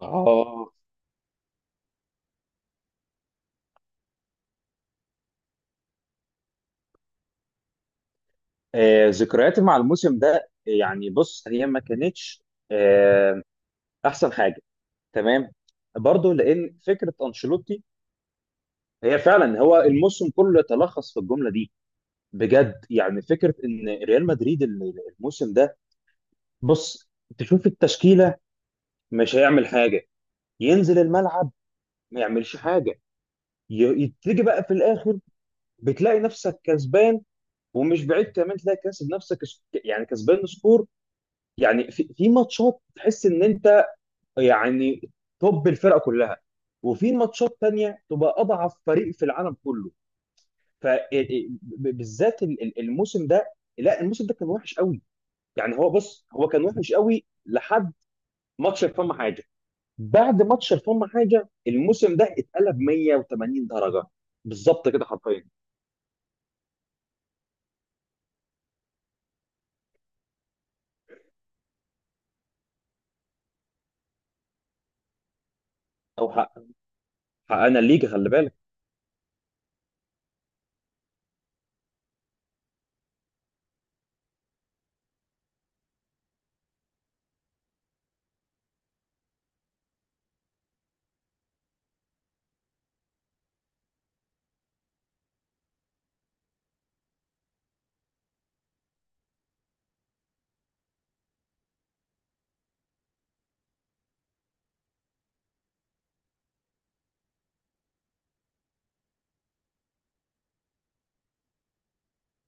اه ذكرياتي مع الموسم ده يعني بص هي ما كانتش آه، احسن حاجه. تمام، برضو لان فكره انشيلوتي هي فعلا هو الموسم كله يتلخص في الجمله دي. بجد يعني فكره ان ريال مدريد الموسم ده بص تشوف التشكيله مش هيعمل حاجه، ينزل الملعب ما يعملش حاجه. تيجي بقى في الاخر بتلاقي نفسك كسبان، ومش بعيد كمان تلاقي كاسب نفسك يعني كسبان سكور. يعني في ماتشات تحس ان انت يعني توب الفرقه كلها، وفي ماتشات تانية تبقى اضعف فريق في العالم كله. فبالذات الموسم ده، لا الموسم ده كان وحش قوي. يعني هو بص هو كان وحش قوي لحد ماتش الفم حاجه. بعد ماتش الفم حاجه الموسم ده اتقلب 180 درجه، بالظبط كده حرفيا. او حق، حققنا الليجا خلي بالك.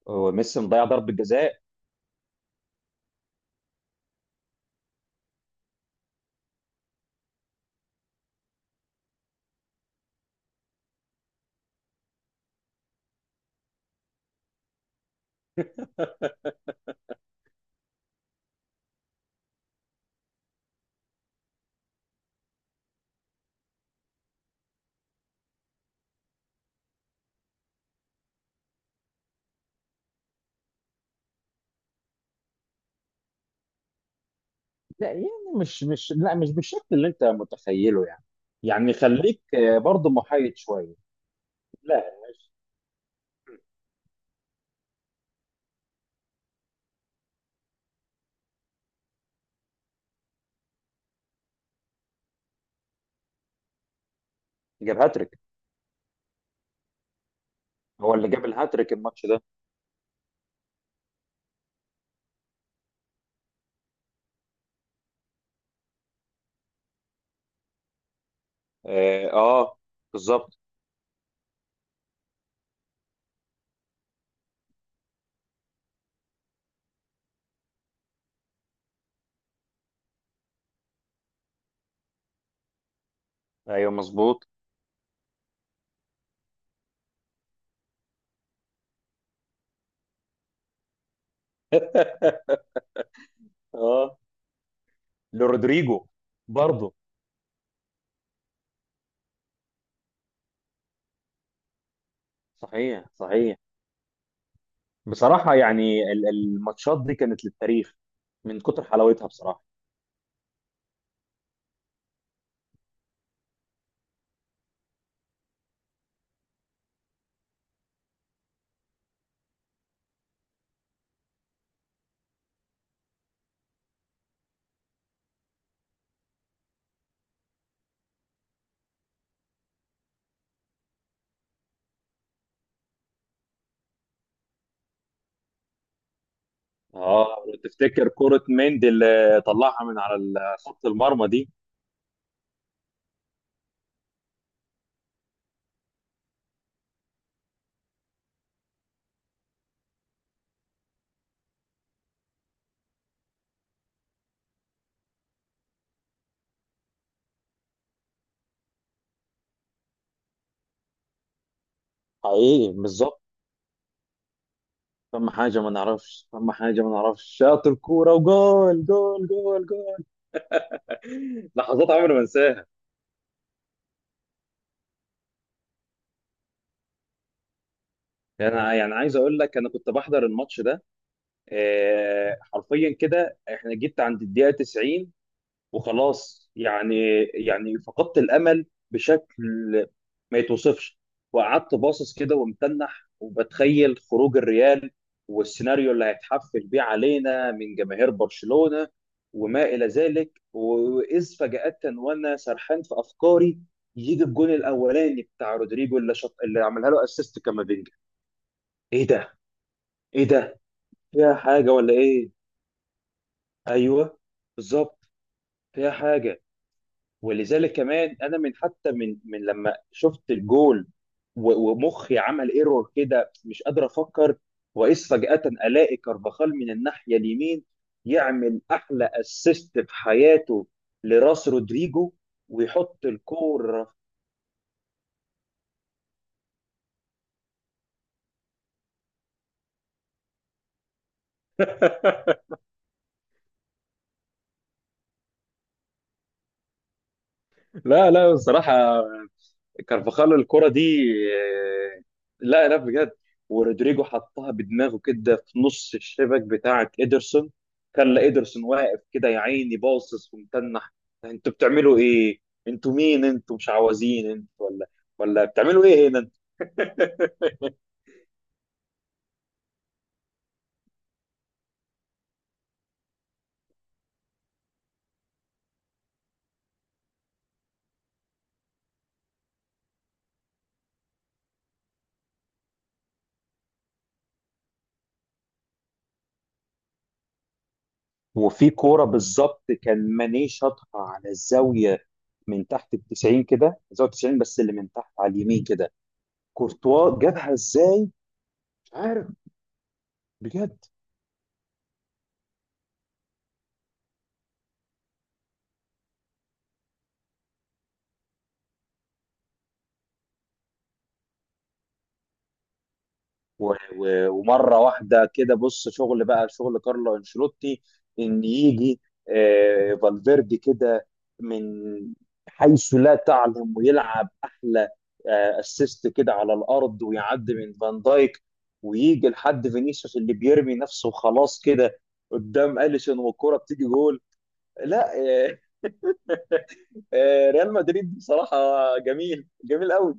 هو ميسي مضيع ضربه جزاء. لا يعني مش بالشكل اللي انت متخيله يعني. يعني خليك برضه محايد شويه. لا، ماشي. جاب هاتريك، هو اللي جاب الهاتريك الماتش ده. اه، آه، بالظبط. ايوه مظبوط. اه، لرودريجو برضه. صحيح صحيح، بصراحه يعني الماتشات دي كانت للتاريخ من كتر حلاوتها بصراحه. اه، وتفتكر كرة مندي اللي طلعها من على خط المرمى دي؟ حقيقي، بالظبط. فما حاجة ما نعرفش فما حاجة ما نعرفش، شاطر كورة وجول جول جول جول. لحظات عمري ما انساها. يعني يعني عايز اقول لك انا كنت بحضر الماتش ده. حرفيا كده احنا جيت عند الدقيقة 90 وخلاص يعني. يعني فقدت الامل بشكل ما يتوصفش. وقعدت باصص كده ومتنح وبتخيل خروج الريال والسيناريو اللي هيتحفل بيه علينا من جماهير برشلونة وما الى ذلك. واذ فجأة وانا سرحان في افكاري، يجي الجون الاولاني بتاع رودريجو اللي اللي عملها له اسيست كامافينجا. ايه ده، ايه ده، فيها حاجة ولا ايه؟ ايوه بالظبط، فيها حاجة. ولذلك كمان انا من حتى من لما شفت الجول، ومخي عمل ايرور كده مش قادر افكر. واذ فجأة الاقي كارفاخال من الناحية اليمين يعمل احلى اسيست في حياته لراس رودريجو، ويحط الكورة. لا لا بصراحة، كارفاخال الكرة دي آه، لا لا بجد. ورودريجو حطها بدماغه كده في نص الشبك بتاعة إيدرسون، خلى إيدرسون واقف كده يا عيني باصص ومتنح. انتوا بتعملوا ايه؟ انتوا مين، انتوا مش عوازين انتوا ولا بتعملوا ايه هنا؟ وفي كورة بالظبط كان ماني شاطها على الزاوية من تحت ال 90 كده، زاوية 90 بس اللي من تحت على اليمين كده. كورتوا جابها ازاي؟ مش عارف، بجد. ومره واحده كده بص شغل بقى شغل كارلو انشيلوتي ان يجي فالفيردي كده من حيث لا تعلم ويلعب احلى اسيست كده على الارض ويعدي من فان دايك، ويجي لحد فينيسيوس اللي بيرمي نفسه خلاص كده قدام اليسون والكرة بتيجي جول. لا، ريال مدريد بصراحة جميل جميل قوي.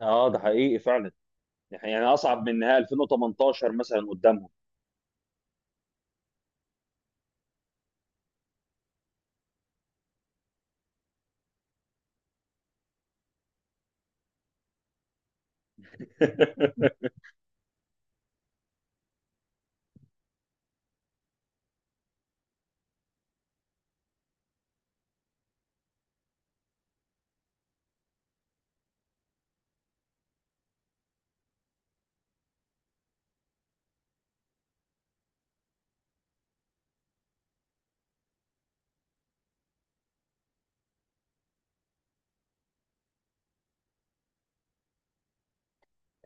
اه ده حقيقي فعلا. يعني اصعب من نهائي 2018 مثلا قدامهم.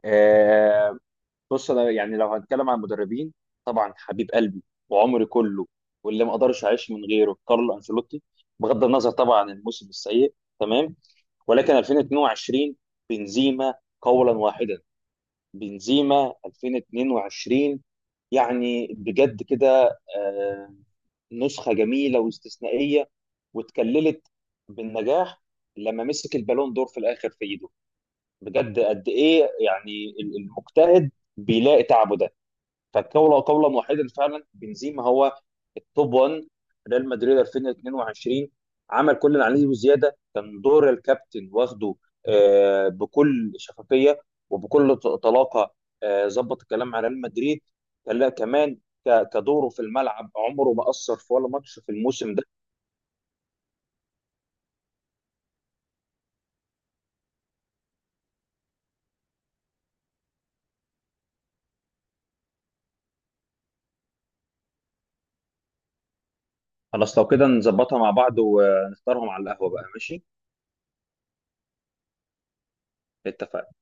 آه، بص انا يعني لو هنتكلم عن المدربين، طبعا حبيب قلبي وعمري كله واللي ما اقدرش اعيش من غيره كارلو انشيلوتي، بغض النظر طبعا عن الموسم السيء تمام. ولكن 2022 بنزيما، قولا واحدا، بنزيما 2022. يعني بجد كده نسخة جميلة واستثنائية، واتكللت بالنجاح لما مسك البالون دور في الاخر في ايده. بجد قد ايه يعني المجتهد بيلاقي تعبه ده. فالقول قولا واحدا فعلا بنزيما هو التوب 1. ريال مدريد 2022 عمل كل اللي عليه وزياده، كان دور الكابتن واخده بكل شفافيه، وبكل طلاقه. ظبط الكلام مع ريال مدريد. كمان كدوره في الملعب عمره ما اثر في ولا ماتش في الموسم ده. خلاص، لو كده نظبطها مع بعض ونختارهم على القهوه بقى، ماشي. اتفقنا.